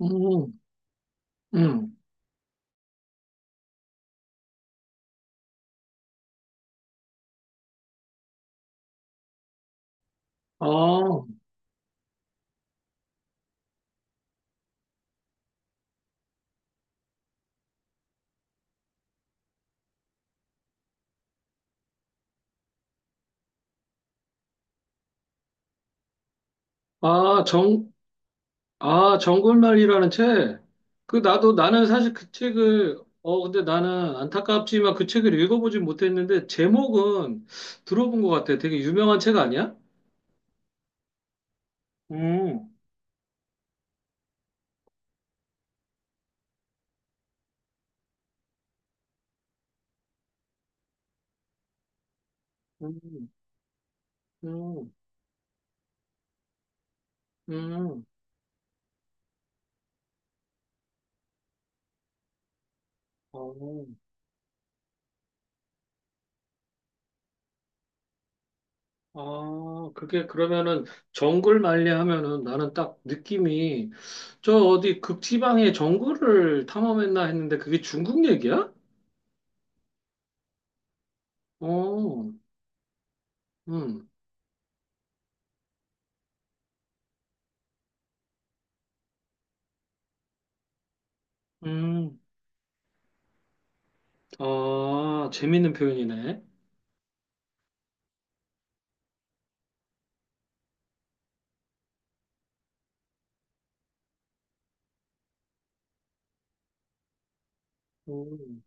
음, 음. 아, 아, 아, 정글말이라는 책. 그, 나는 사실 그 책을, 근데 나는 안타깝지만 그 책을 읽어보진 못했는데, 제목은 들어본 것 같아. 되게 유명한 책 아니야? 음, 음, 음, 음. 어, 아, 그게 그러면은 정글말리 하면은 나는 딱 느낌이 저 어디 극지방의 정글을 탐험했나 했는데 그게 중국 얘기야? 어, 음. 음, 아, 재밌는 표현이네. 음.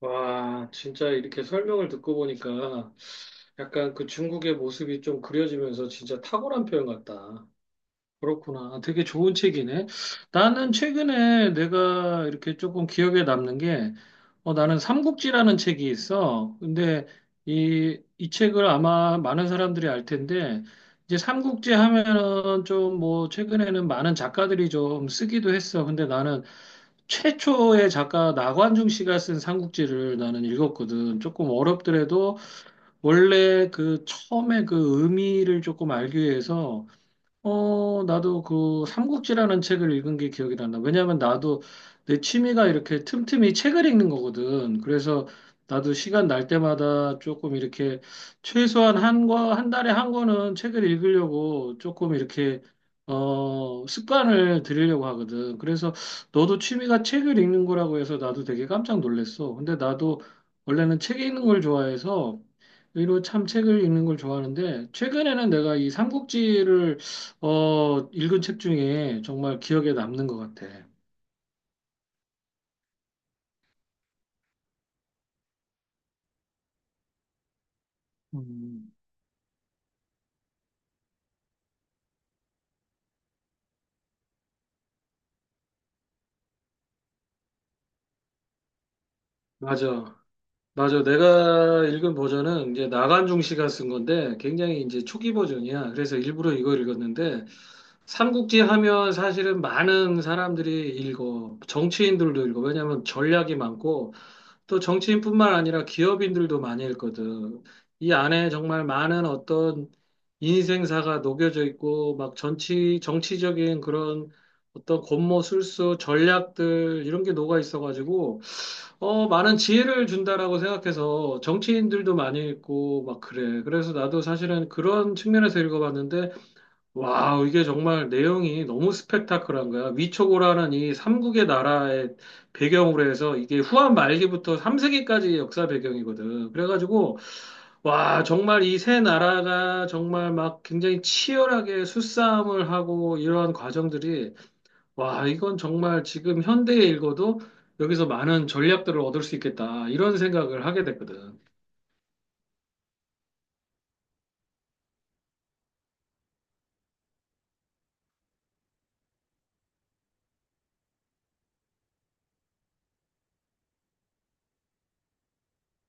와, 진짜 이렇게 설명을 듣고 보니까 약간 그 중국의 모습이 좀 그려지면서 진짜 탁월한 표현 같다. 그렇구나. 되게 좋은 책이네. 나는 최근에 내가 이렇게 조금 기억에 남는 게, 나는 삼국지라는 책이 있어. 근데 이 책을 아마 많은 사람들이 알 텐데, 이제 삼국지 하면은 좀 뭐, 최근에는 많은 작가들이 좀 쓰기도 했어. 근데 나는 최초의 작가 나관중 씨가 쓴 삼국지를 나는 읽었거든. 조금 어렵더라도 원래 그 처음에 그 의미를 조금 알기 위해서 나도 그 삼국지라는 책을 읽은 게 기억이 난다. 왜냐면 나도 내 취미가 이렇게 틈틈이 책을 읽는 거거든. 그래서 나도 시간 날 때마다 조금 이렇게 최소한 한과 한 달에 한 권은 책을 읽으려고 조금 이렇게 습관을 들이려고 하거든. 그래서 너도 취미가 책을 읽는 거라고 해서 나도 되게 깜짝 놀랐어. 근데 나도 원래는 책 읽는 걸 좋아해서 의로 참 책을 읽는 걸 좋아하는데 최근에는 내가 이 삼국지를 읽은 책 중에 정말 기억에 남는 것 같아. 음, 맞아. 맞아. 내가 읽은 버전은 이제 나간중 씨가 쓴 건데 굉장히 이제 초기 버전이야. 그래서 일부러 이걸 읽었는데 삼국지 하면 사실은 많은 사람들이 읽어. 정치인들도 읽어. 왜냐하면 전략이 많고 또 정치인뿐만 아니라 기업인들도 많이 읽거든. 이 안에 정말 많은 어떤 인생사가 녹여져 있고, 막 정치적인 그런 어떤 권모 술수, 전략들, 이런 게 녹아 있어가지고, 많은 지혜를 준다라고 생각해서 정치인들도 많이 읽고, 막 그래. 그래서 나도 사실은 그런 측면에서 읽어봤는데, 와우, 이게 정말 내용이 너무 스펙타클한 거야. 위초고라는 이 삼국의 나라의 배경으로 해서 이게 후한 말기부터 3세기까지 역사 배경이거든. 그래가지고, 와, 정말 이 세 나라가 정말 막 굉장히 치열하게 수싸움을 하고 이러한 과정들이, 와, 이건 정말 지금 현대에 읽어도 여기서 많은 전략들을 얻을 수 있겠다. 이런 생각을 하게 됐거든.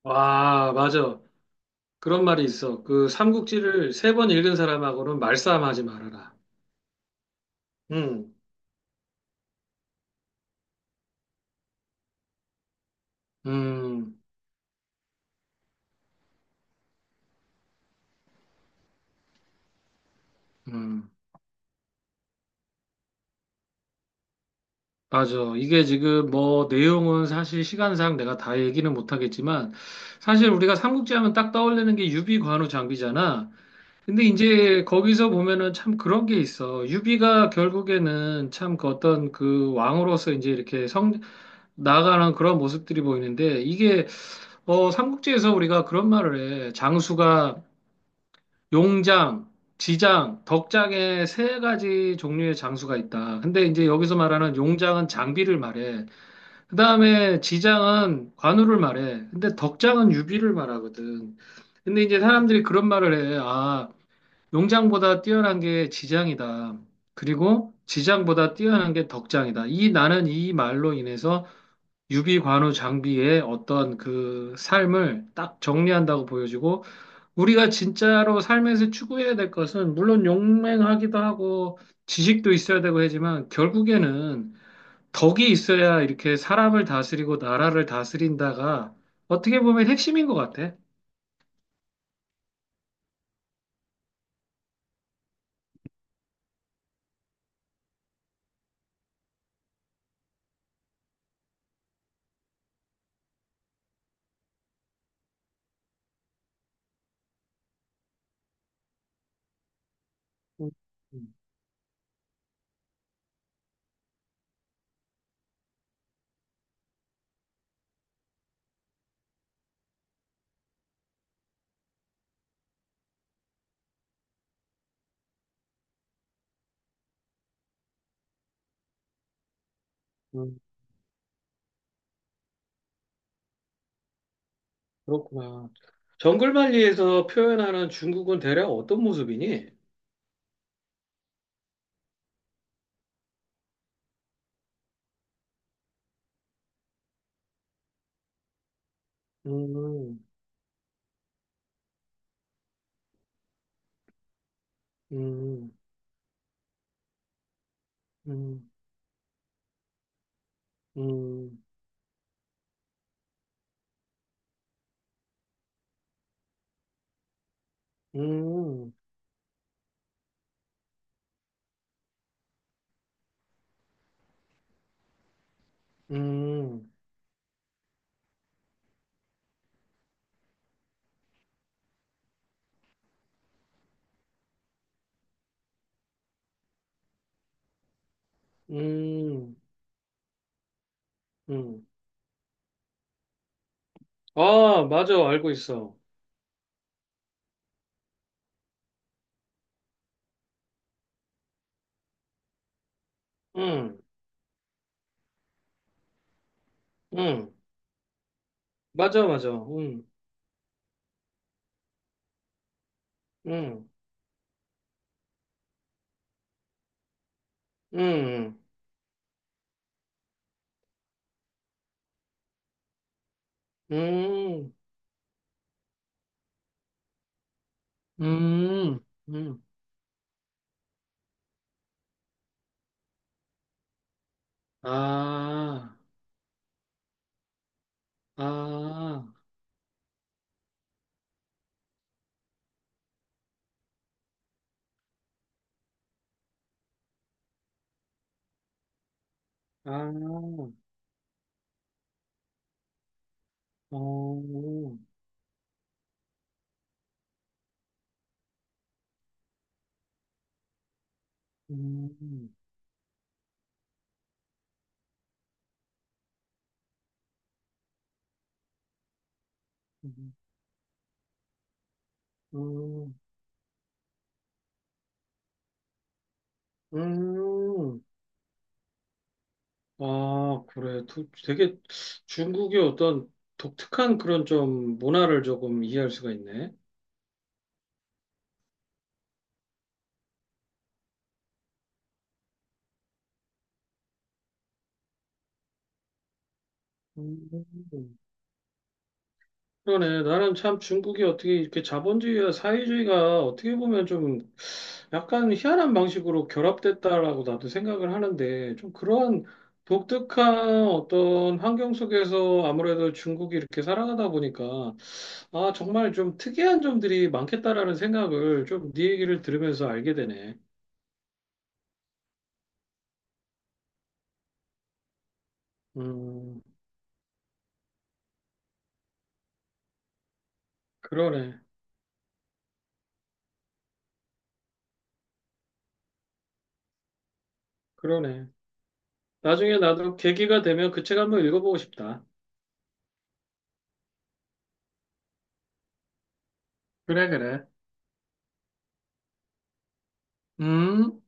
와, 맞아. 그런 말이 있어. 그 삼국지를 세 번 읽은 사람하고는 말싸움하지 말아라. 음, 음, 음, 맞아. 이게 지금 뭐 내용은 사실 시간상 내가 다 얘기는 못하겠지만 사실 우리가 삼국지 하면 딱 떠올리는 게 유비 관우 장비잖아. 근데 이제 거기서 보면은 참 그런 게 있어. 유비가 결국에는 참 그 어떤 그 왕으로서 이제 이렇게 나아가는 그런 모습들이 보이는데 이게 삼국지에서 우리가 그런 말을 해. 장수가 용장, 지장, 덕장에 세 가지 종류의 장수가 있다. 근데 이제 여기서 말하는 용장은 장비를 말해. 그 다음에 지장은 관우를 말해. 근데 덕장은 유비를 말하거든. 근데 이제 사람들이 그런 말을 해. 아, 용장보다 뛰어난 게 지장이다. 그리고 지장보다 뛰어난 게 덕장이다. 이 나는 이 말로 인해서 유비, 관우, 장비의 어떤 그 삶을 딱 정리한다고 보여지고 우리가 진짜로 삶에서 추구해야 될 것은 물론 용맹하기도 하고 지식도 있어야 되고 하지만 결국에는 덕이 있어야 이렇게 사람을 다스리고 나라를 다스린다가 어떻게 보면 핵심인 것 같아. 음, 음, 음, 그렇구나. 정글만리에서 표현하는 중국은 대략 어떤 모습이니? 음, 음, 음, 음, 음, 음, 음, 음. 아, 맞아, 알고 있어. 음. 응, 맞아, 맞아. 응, 응, 응, 응, 응, 응. 아, 아, 아, 어, 음, 음, 음, 음. 아, 그래. 되게 중국의 어떤 독특한 그런 좀 문화를 조금 이해할 수가 있네. 음. 그러네. 나는 참 중국이 어떻게 이렇게 자본주의와 사회주의가 어떻게 보면 좀 약간 희한한 방식으로 결합됐다라고 나도 생각을 하는데 좀 그러한 독특한 어떤 환경 속에서 아무래도 중국이 이렇게 살아가다 보니까 아, 정말 좀 특이한 점들이 많겠다라는 생각을 좀 네 얘기를 들으면서 알게 되네. 음, 그러네, 그러네. 나중에 나도 계기가 되면 그 책 한번 읽어보고 싶다. 그래, 그래. 음.